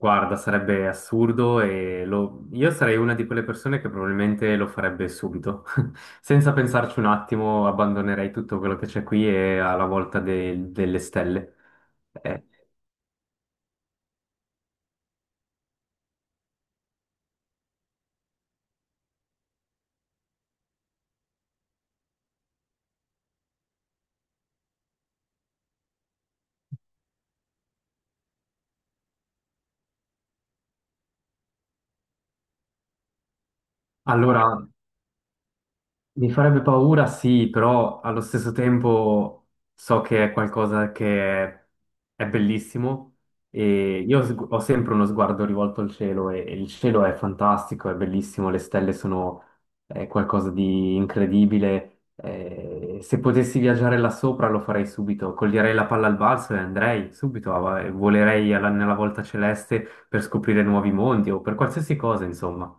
Guarda, sarebbe assurdo e io sarei una di quelle persone che probabilmente lo farebbe subito. Senza pensarci un attimo, abbandonerei tutto quello che c'è qui e alla volta delle stelle. Eh, allora, mi farebbe paura, sì, però allo stesso tempo so che è qualcosa che è bellissimo e io ho sempre uno sguardo rivolto al cielo e il cielo è fantastico, è bellissimo, le stelle sono qualcosa di incredibile. Se potessi viaggiare là sopra lo farei subito, coglierei la palla al balzo e andrei subito, e volerei nella volta celeste per scoprire nuovi mondi o per qualsiasi cosa, insomma.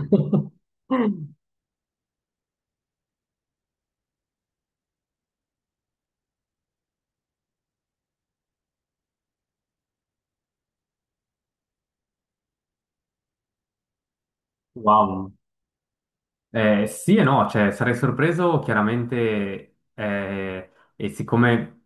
Wow. Sì e no, cioè sarei sorpreso chiaramente e siccome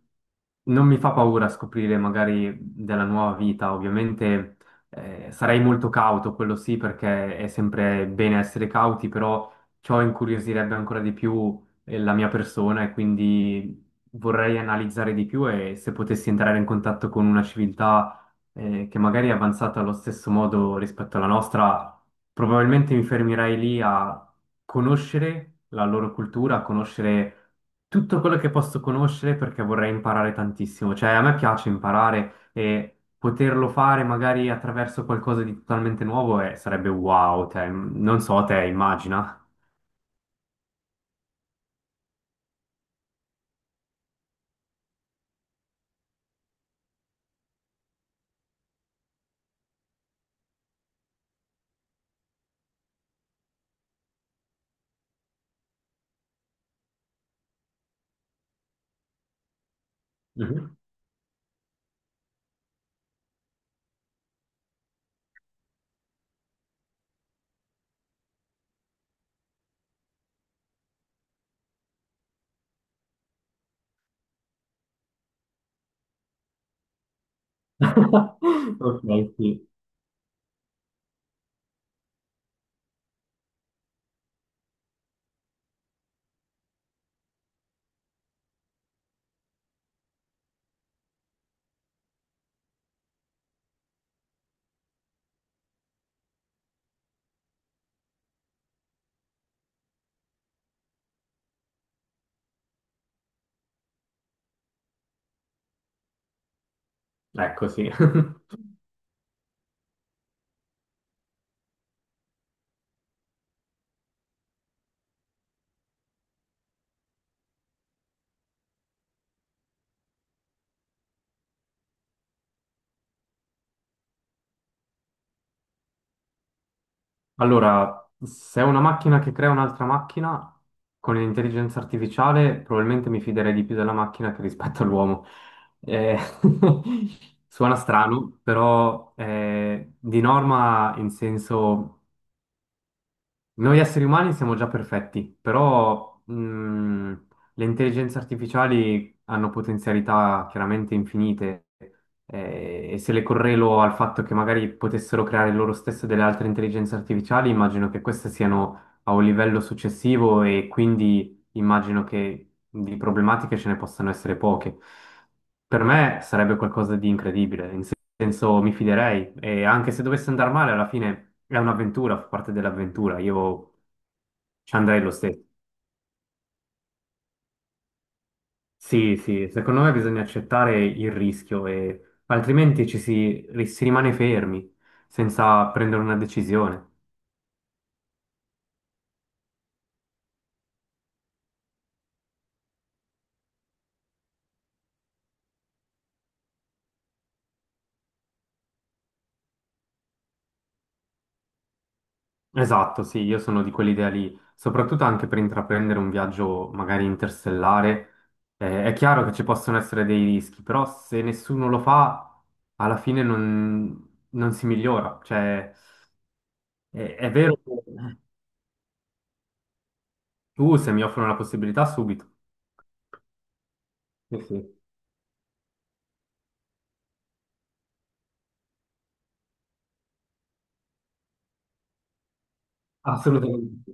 non mi fa paura scoprire magari della nuova vita, ovviamente sarei molto cauto, quello sì, perché è sempre bene essere cauti, però ciò incuriosirebbe ancora di più la mia persona e quindi vorrei analizzare di più e se potessi entrare in contatto con una civiltà che magari è avanzata allo stesso modo rispetto alla nostra, probabilmente mi fermerei lì a conoscere la loro cultura, conoscere tutto quello che posso conoscere perché vorrei imparare tantissimo. Cioè, a me piace imparare e poterlo fare magari attraverso qualcosa di totalmente nuovo sarebbe wow, cioè, non so, te immagina. Mhm. Ok, sì, ecco sì. Allora, se è una macchina che crea un'altra macchina con l'intelligenza artificiale, probabilmente mi fiderei di più della macchina che rispetto all'uomo. Eh, suona strano, però di norma in senso noi esseri umani siamo già perfetti, però le intelligenze artificiali hanno potenzialità chiaramente infinite e se le correlo al fatto che magari potessero creare loro stesse delle altre intelligenze artificiali, immagino che queste siano a un livello successivo e quindi immagino che di problematiche ce ne possano essere poche. Per me sarebbe qualcosa di incredibile. Senso mi fiderei e anche se dovesse andare male, alla fine è un'avventura, fa parte dell'avventura, io ci andrei lo stesso. Sì, sì, secondo me bisogna accettare il rischio e altrimenti ci si, si rimane fermi senza prendere una decisione. Esatto, sì, io sono di quell'idea lì, soprattutto anche per intraprendere un viaggio magari interstellare. È chiaro che ci possono essere dei rischi, però se nessuno lo fa, alla fine non si migliora. Cioè, È vero che tu se mi offrono la possibilità subito, sì, sì. Assolutamente.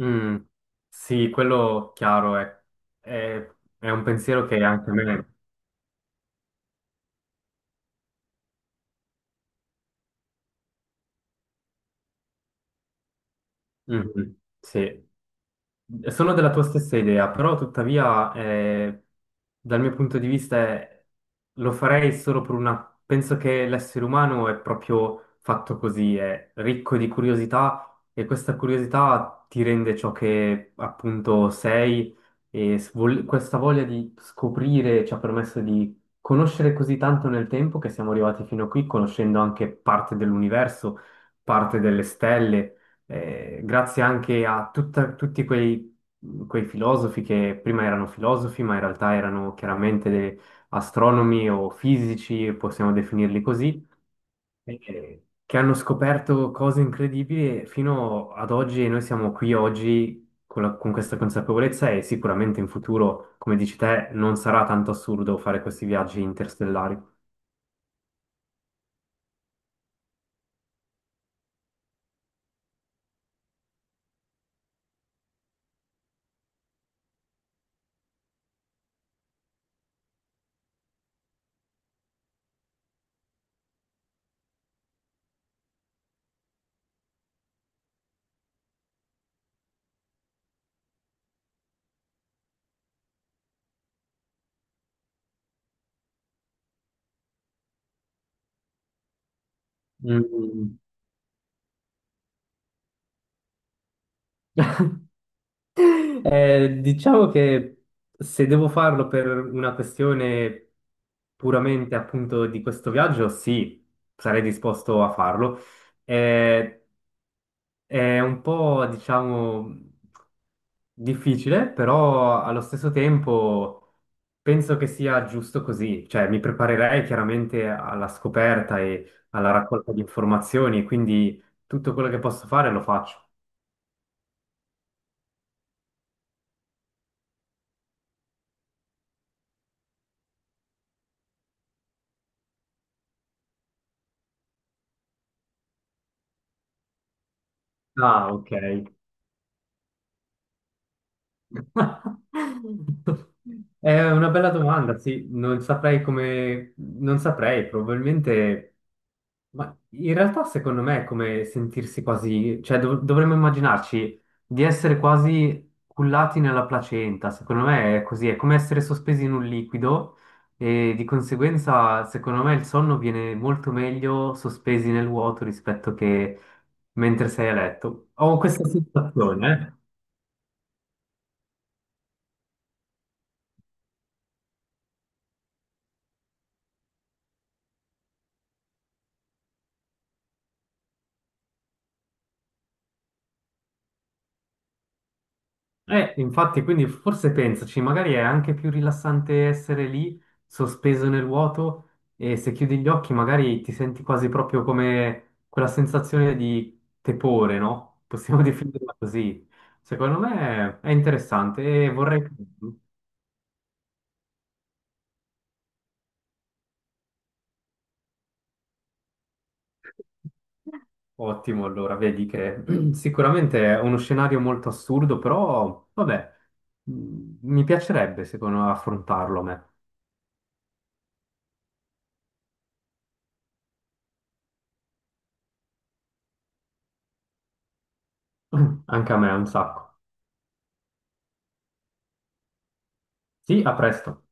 Mm, sì, quello chiaro è, è un pensiero che anche a me... Mhm, sì. Sono della tua stessa idea, però tuttavia dal mio punto di vista lo farei solo per una... Penso che l'essere umano è proprio fatto così, è ricco di curiosità e questa curiosità ti rende ciò che appunto sei e questa voglia di scoprire ci ha permesso di conoscere così tanto nel tempo che siamo arrivati fino a qui, conoscendo anche parte dell'universo, parte delle stelle grazie anche a tutti quei filosofi che prima erano filosofi, ma in realtà erano chiaramente astronomi o fisici, possiamo definirli così, che hanno scoperto cose incredibili e fino ad oggi e noi siamo qui oggi. Con questa consapevolezza e sicuramente in futuro, come dici te, non sarà tanto assurdo fare questi viaggi interstellari. Mm. Diciamo che se devo farlo per una questione puramente appunto di questo viaggio, sì, sarei disposto a farlo. Eh, è un po', diciamo, difficile, però allo stesso tempo penso che sia giusto così. Cioè, mi preparerei chiaramente alla scoperta e alla raccolta di informazioni, quindi tutto quello che posso fare lo faccio. Ah, ok. È una bella domanda, sì, non saprei come, non saprei, probabilmente, ma in realtà secondo me è come sentirsi quasi, cioè dovremmo immaginarci di essere quasi cullati nella placenta, secondo me è così, è come essere sospesi in un liquido e di conseguenza secondo me il sonno viene molto meglio sospesi nel vuoto rispetto che mentre sei a letto. Ho questa sensazione, eh. Infatti, quindi forse pensaci, magari è anche più rilassante essere lì, sospeso nel vuoto, e se chiudi gli occhi magari ti senti quasi proprio come quella sensazione di tepore, no? Possiamo definirla così. Secondo me è interessante e vorrei... Ottimo, allora, vedi che sicuramente è uno scenario molto assurdo, però vabbè, mi piacerebbe, secondo me, affrontarlo a me. Anche a me, un sacco. Sì, a presto.